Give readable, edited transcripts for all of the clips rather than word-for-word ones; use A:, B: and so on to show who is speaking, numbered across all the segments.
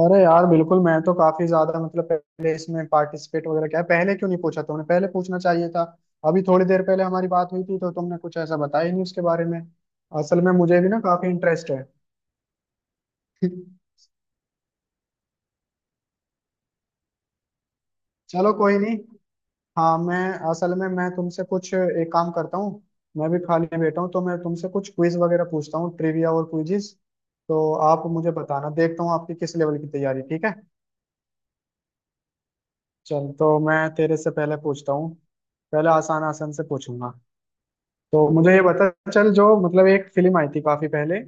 A: अरे यार, बिल्कुल। मैं तो काफी ज्यादा, मतलब पहले इसमें पार्टिसिपेट वगैरह, क्या पहले क्यों नहीं पूछा तुमने? पहले पूछना चाहिए था। अभी थोड़ी देर पहले हमारी बात हुई थी, तो तुमने कुछ ऐसा बताया ही नहीं उसके बारे में। असल में मुझे भी ना, काफी इंटरेस्ट है। चलो कोई नहीं। हाँ, मैं, असल में मैं तुमसे कुछ, एक काम करता हूँ। मैं भी खाली बैठा हूँ, तो मैं तुमसे कुछ क्विज वगैरह पूछता हूँ, ट्रिविया और क्विजिस। तो आप मुझे बताना, देखता हूँ आपकी किस लेवल की तैयारी, ठीक है। चल, तो मैं तेरे से पहले पूछता हूँ। पहले आसान आसान से पूछूंगा। तो मुझे ये बता। चल, जो मतलब एक फिल्म आई थी काफी पहले,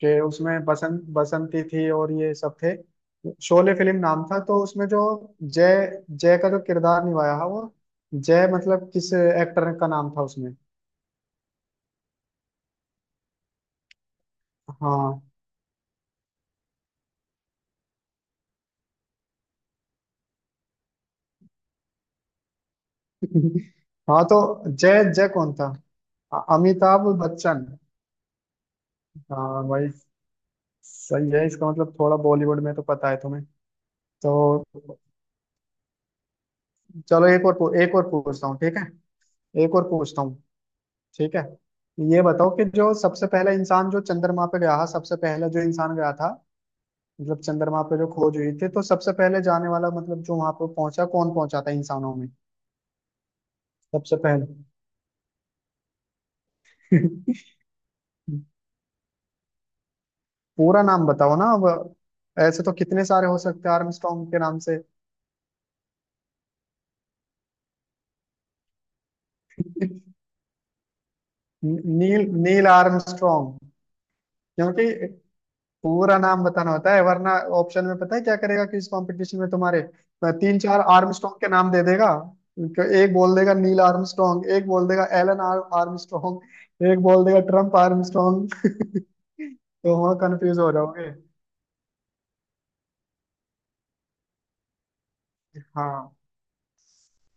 A: कि उसमें बसंत, बसंती थी और ये सब थे। शोले फिल्म नाम था, तो उसमें जो जय, जय का जो किरदार निभाया है वो, जय मतलब किस एक्टर का नाम था उसमें। हाँ। हाँ तो, जय, जय कौन था? अमिताभ बच्चन। हाँ भाई। सही है। इसका मतलब थोड़ा बॉलीवुड में तो पता है तुम्हें तो। चलो, एक और पूछता हूँ, ठीक है। एक और पूछता हूँ, ठीक है। ये बताओ कि जो सबसे पहला इंसान जो चंद्रमा पे गया था, सबसे पहले जो इंसान गया था, मतलब चंद्रमा पे जो खोज हुई थी, तो सबसे पहले जाने वाला, मतलब जो वहां पे पहुंचा, कौन पहुंचा था इंसानों में सबसे पहले? पूरा नाम बताओ ना अब। ऐसे तो कितने सारे हो सकते हैं आर्मस्ट्रॉन्ग के नाम से। नील नील आर्मस्ट्रॉन्ग। क्योंकि पूरा नाम बताना होता है, वरना ऑप्शन में पता है क्या करेगा, कि इस कंपटीशन में तुम्हारे तीन चार आर्मस्ट्रांग के नाम दे देगा। तो एक बोल देगा नील आर्मस्ट्रांग, एक बोल देगा एलन आर्मस्ट्रांग, एक बोल देगा ट्रम्प आर्मस्ट्रांग। तो वहाँ कंफ्यूज हो जाओगे। हाँ।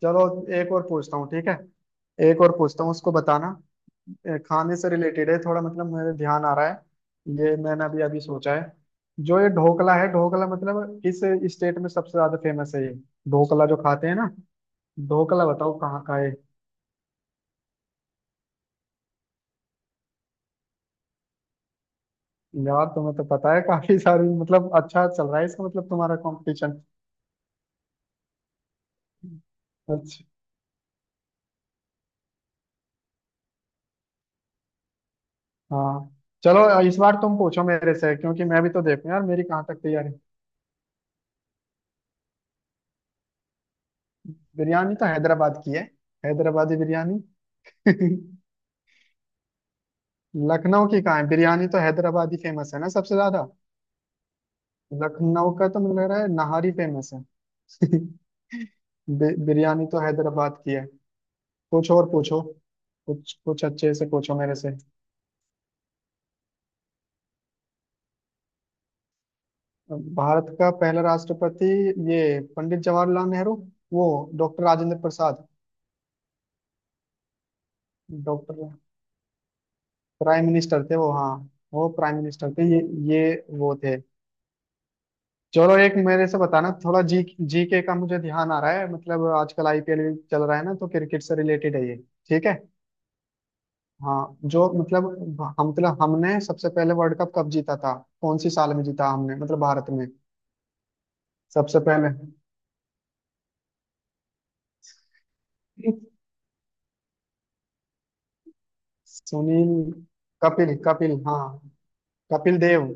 A: चलो, एक और पूछता हूँ, ठीक है। एक और पूछता हूँ, उसको बताना। खाने से रिलेटेड है थोड़ा, मतलब मेरे ध्यान आ रहा है। ये मैंने अभी अभी सोचा है। जो ये ढोकला है, ढोकला मतलब किस स्टेट में सबसे ज्यादा फेमस है ये? ढोकला जो खाते हैं ना। ढोकला बताओ कहाँ का है। यार तुम्हें तो पता है काफी सारी, मतलब अच्छा चल रहा है, इसका मतलब तुम्हारा कंपटीशन अच्छा। हाँ। चलो, इस बार तुम पूछो मेरे से, क्योंकि मैं भी तो देखूं यार मेरी कहाँ तक तैयारी। बिरयानी तो हैदराबाद की है। हैदराबादी बिरयानी। लखनऊ की कहाँ है? बिरयानी तो हैदराबादी फेमस है ना सबसे ज्यादा। लखनऊ का तो मुझे लग रहा है नहारी फेमस है। बिरयानी तो हैदराबाद की है। कुछ और पूछो। कुछ कुछ अच्छे से पूछो मेरे से। भारत का पहला राष्ट्रपति? ये पंडित जवाहरलाल नेहरू। वो doctor Rajendra Prasad. Doctor. Prime minister थे वो, हाँ। वो प्राइम मिनिस्टर थे, ये, वो थे। चलो, एक मेरे से बताना, थोड़ा जी जी के का मुझे ध्यान आ रहा है। मतलब आजकल आईपीएल चल रहा है ना, तो क्रिकेट से रिलेटेड है ये, ठीक है। हाँ, जो मतलब, हम मतलब, हमने सबसे पहले वर्ल्ड कप कब जीता था? कौन सी साल में जीता हमने, मतलब भारत में सबसे पहले? सुनील, कपिल, कपिल हाँ। कपिल देव।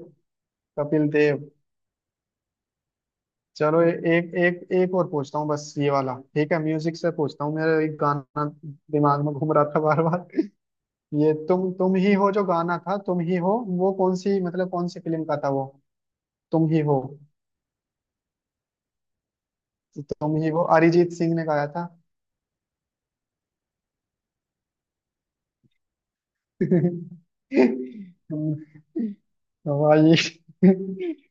A: कपिल देव। चलो, ए- एक एक एक और पूछता हूँ बस ये वाला, ठीक है। म्यूजिक से पूछता हूँ, मेरा एक गाना दिमाग में घूम रहा था बार बार। ये तुम ही हो, जो गाना था तुम ही हो, वो कौन सी, मतलब कौन सी फिल्म का था वो? तुम ही हो, तुम ही हो, अरिजीत सिंह ने गाया था। हवा ये।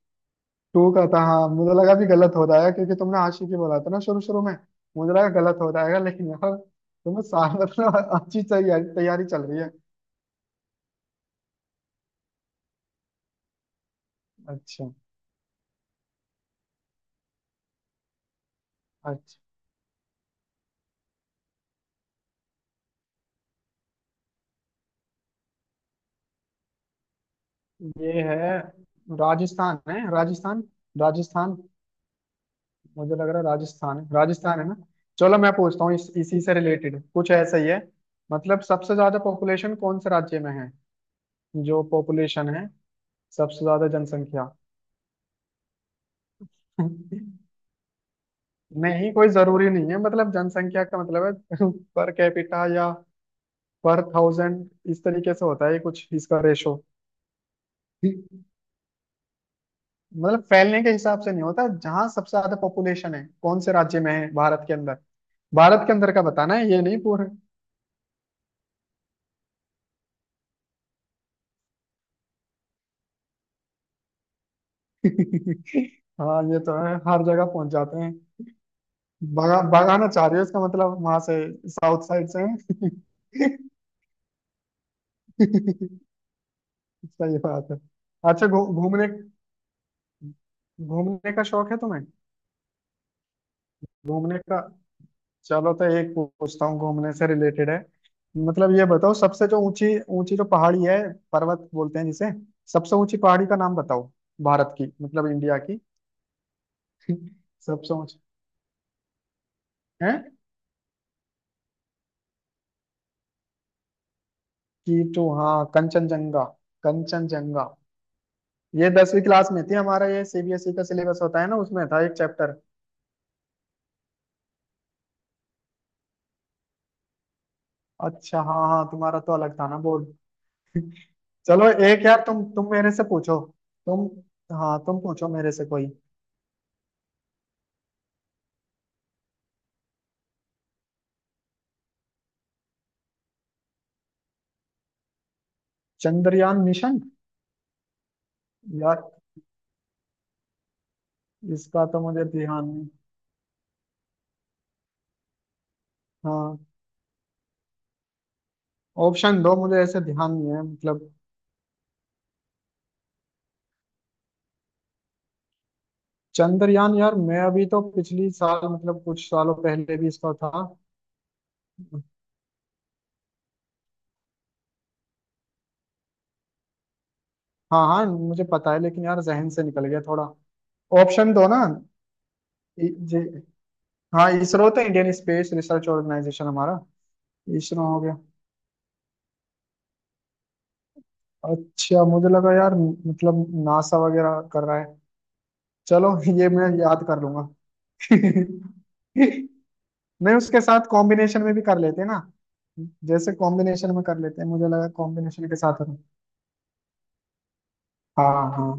A: टू का था हाँ। मुझे लगा भी गलत हो रहा है, क्योंकि तुमने आशिकी बोला था ना शुरू शुरू में। मुझे लगा गलत हो जाएगा, लेकिन यार तुम्हें साल मतलब अच्छी तैयारी तैयारी चल रही है। अच्छा। अच्छा, ये है, राजस्थान है, राजस्थान, राजस्थान। मुझे लग रहा है राजस्थान है। राजस्थान है ना? चलो, मैं पूछता हूँ इसी से रिलेटेड कुछ ऐसा ही है। मतलब सबसे ज्यादा पॉपुलेशन कौन से राज्य में है? जो पॉपुलेशन है, सबसे ज्यादा जनसंख्या। नहीं, कोई जरूरी नहीं है, मतलब जनसंख्या का मतलब है। पर कैपिटा या पर थाउजेंड इस तरीके से होता है ये, कुछ इसका रेशो। मतलब फैलने के हिसाब से नहीं होता, जहां सबसे ज्यादा पॉपुलेशन है कौन से राज्य में है, भारत के अंदर। भारत के अंदर का बताना है ये, नहीं पूरे। हाँ, ये तो है, हर जगह पहुंच जाते हैं। भगा भगाना चाह रही हो इसका मतलब, वहां से साउथ साइड से हैं। सही बात है। अच्छा, घूमने, घूमने का शौक है तुम्हें? घूमने का। चलो, तो एक पूछता हूँ, घूमने से रिलेटेड है। मतलब ये बताओ, सबसे जो ऊंची, ऊंची जो पहाड़ी है, पर्वत बोलते हैं जिसे, सबसे ऊंची पहाड़ी का नाम बताओ, भारत की, मतलब इंडिया की। सबसे ऊंची है। कीटू हाँ, कंचनजंगा। कंचनजंगा। ये 10वीं क्लास में थी, हमारा ये सीबीएसई का सिलेबस होता है ना, उसमें था एक चैप्टर। अच्छा, हाँ हाँ, तुम्हारा तो अलग था ना बोर्ड। चलो, एक यार, तुम मेरे से पूछो। तुम, हाँ, तुम पूछो मेरे से कोई। चंद्रयान मिशन। यार इसका तो मुझे ध्यान नहीं। हाँ। ऑप्शन दो, मुझे ऐसे ध्यान नहीं है मतलब। चंद्रयान यार, मैं अभी तो पिछली साल, मतलब कुछ सालों पहले भी इसका था। हाँ हाँ, मुझे पता है, लेकिन यार जहन से निकल गया थोड़ा। ऑप्शन दो ना। इ- जे हाँ, इसरो तो इंडियन स्पेस रिसर्च ऑर्गेनाइजेशन हमारा। इसरो हो गया। अच्छा, मुझे लगा यार, मतलब नासा वगैरह कर रहा है। चलो, ये मैं याद कर लूंगा। नहीं, उसके साथ कॉम्बिनेशन में भी कर लेते हैं ना। जैसे कॉम्बिनेशन में कर लेते हैं, मुझे लगा कॉम्बिनेशन के साथ है। हाँ हाँ।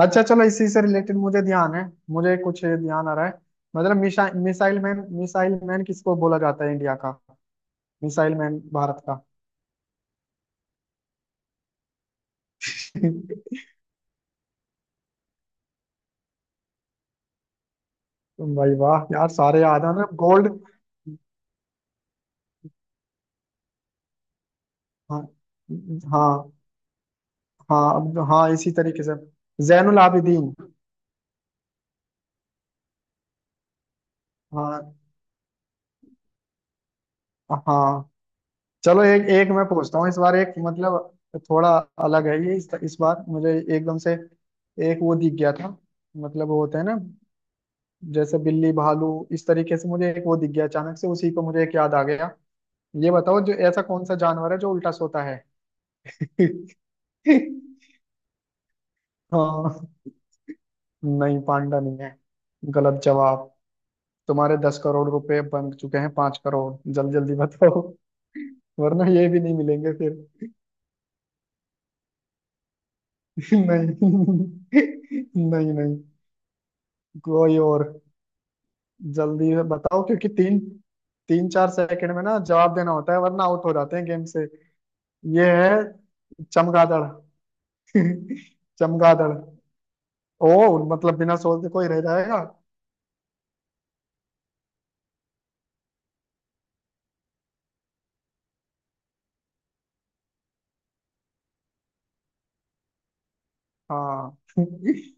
A: अच्छा, चलो इसी से रिलेटेड मुझे ध्यान है, मुझे कुछ ध्यान आ रहा है। मतलब मिशा मिसाइल मैन, मिसाइल मैन किसको बोला जाता है, इंडिया का मिसाइल मैन भारत का। तुम, भाई वाह यार, सारे याद है ना। गोल्ड। हाँ हाँ। हाँ हाँ, इसी तरीके से। जैनुल आबिदीन। हाँ हाँ। चलो, एक एक मैं पूछता हूँ इस बार, एक मतलब थोड़ा अलग है ये, इस बार मुझे एकदम से एक वो दिख गया था। मतलब वो होता है ना, जैसे बिल्ली, भालू, इस तरीके से मुझे एक वो दिख गया अचानक से, उसी को मुझे एक याद आ गया। ये बताओ, जो ऐसा कौन सा जानवर है जो उल्टा सोता है? हाँ, नहीं पांडा नहीं है। गलत जवाब। तुम्हारे 10 करोड़ रुपए बन चुके हैं, 5 करोड़। जल्दी जल्दी बताओ, वरना ये भी नहीं मिलेंगे फिर। नहीं। नहीं नहीं, कोई और। जल्दी में बताओ, क्योंकि तीन तीन चार सेकंड में ना जवाब देना होता है, वरना आउट हो जाते हैं गेम से। ये है चमगादड़। चमगादड़ ओ, मतलब बिना सोचते कोई रह जाएगा। हाँ।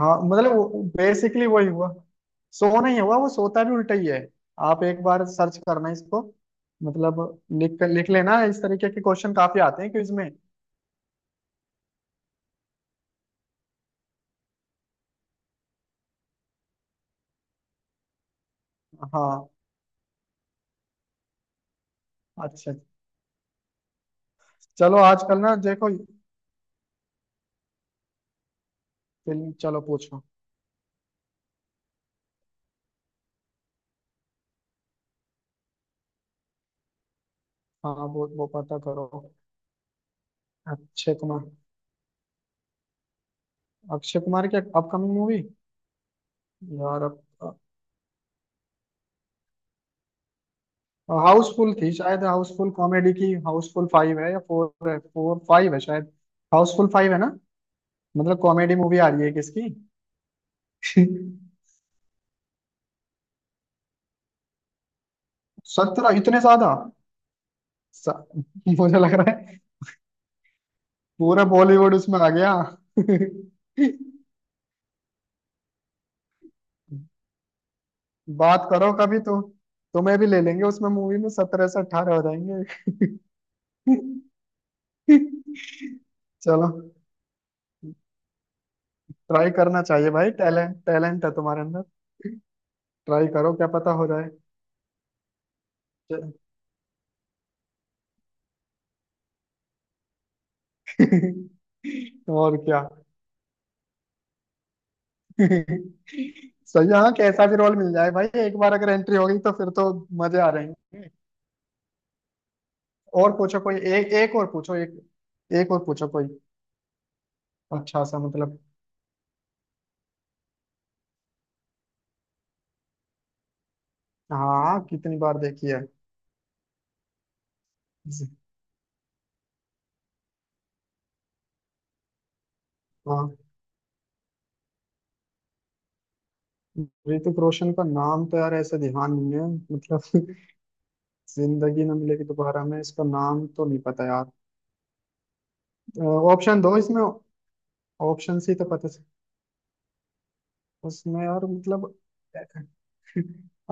A: हाँ, मतलब बेसिकली वही हुआ, सो नहीं हुआ, वो सोता भी उल्टा ही है। आप एक बार सर्च करना इसको, मतलब लिख लिख लेना। इस तरीके के क्वेश्चन काफी आते हैं क्विज में। हाँ। अच्छा, चलो आजकल ना देखो। फिल्म, चलो पूछो। हाँ, वो पता करो। अक्षय कुमार। अक्षय कुमार की अपकमिंग मूवी। यार अब, हाउसफुल थी शायद, हाउसफुल कॉमेडी की, हाउसफुल फाइव है या फोर है, फोर फाइव है शायद। हाउसफुल फाइव है ना? मतलब कॉमेडी मूवी आ रही है किसकी? 17 इतने ज्यादा? स- मुझे लग रहा है पूरा बॉलीवुड उसमें आ गया। बात करो कभी तो, तुम्हें भी ले लेंगे उसमें मूवी में, 17 से 18 हो जाएंगे। चलो। ट्राई करना चाहिए भाई, टैलेंट टैलेंट है तुम्हारे अंदर। ट्राई करो, क्या पता हो जाए। और क्या। सही है, हाँ। कैसा भी रोल मिल जाए भाई, एक बार अगर एंट्री हो गई तो फिर तो मजे आ रहे हैं। और पूछो कोई। एक एक और पूछो एक एक और पूछो कोई। अच्छा सा, मतलब, हाँ, कितनी बार देखी है? हाँ, ऋतिक रोशन का नाम तो यार ऐसे ध्यान नहीं है, मतलब। जिंदगी ना मिलेगी दोबारा में इसका नाम तो नहीं पता यार। ऑप्शन दो इसमें, ऑप्शन से ही तो पता। उसमें, और मतलब,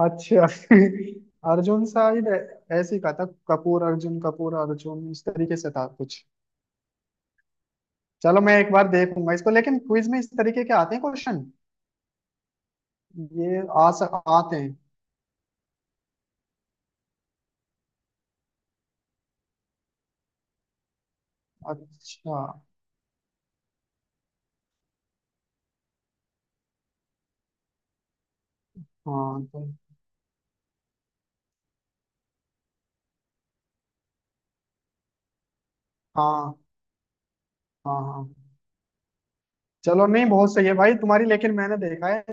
A: अच्छा। अर्जुन शायद, ऐसे ही कहा था, कपूर अर्जुन, कपूर, अर्जुन, इस तरीके से था कुछ। चलो, मैं एक बार देखूंगा इसको, लेकिन क्विज में इस तरीके के आते हैं क्वेश्चन। ये आ सक आते हैं। अच्छा हाँ, तो हाँ, हाँ हाँ। चलो, नहीं, बहुत सही है भाई तुम्हारी, लेकिन मैंने देखा है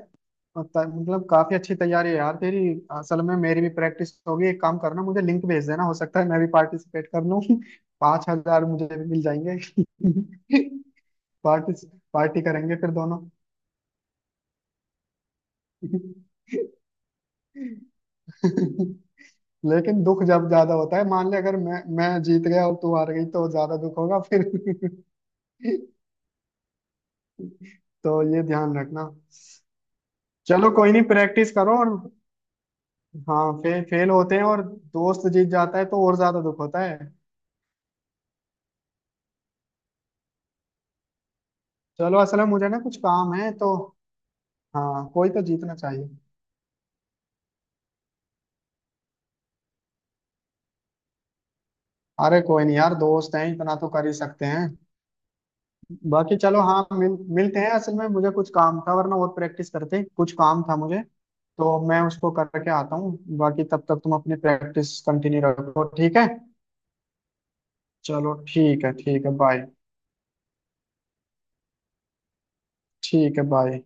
A: और मतलब काफी अच्छी तैयारी है यार तेरी। असल में मेरी भी प्रैक्टिस होगी। एक काम करना, मुझे लिंक भेज देना, हो सकता है मैं भी पार्टिसिपेट कर लूँ। 5 हजार मुझे भी मिल जाएंगे। पार्टी, पार्टी करेंगे फिर दोनों। लेकिन दुख जब ज्यादा होता है, मान ले अगर मैं जीत गया और तू हार गई, तो ज्यादा दुख होगा फिर। तो ये ध्यान रखना। चलो कोई नहीं, प्रैक्टिस करो और। हाँ, फेल होते हैं और दोस्त जीत जाता है तो और ज्यादा दुख होता है। चलो, असल में मुझे ना कुछ काम है, तो हाँ, कोई तो जीतना चाहिए। अरे कोई नहीं यार, दोस्त हैं, इतना तो कर ही सकते हैं। बाकी चलो, हाँ, मिलते हैं। असल में मुझे कुछ काम था, वरना और प्रैक्टिस करते। कुछ काम था मुझे, तो मैं उसको करके आता हूँ। बाकी तब तक तुम अपनी प्रैक्टिस कंटिन्यू रखो, ठीक है। चलो ठीक है, ठीक है बाय। ठीक है बाय।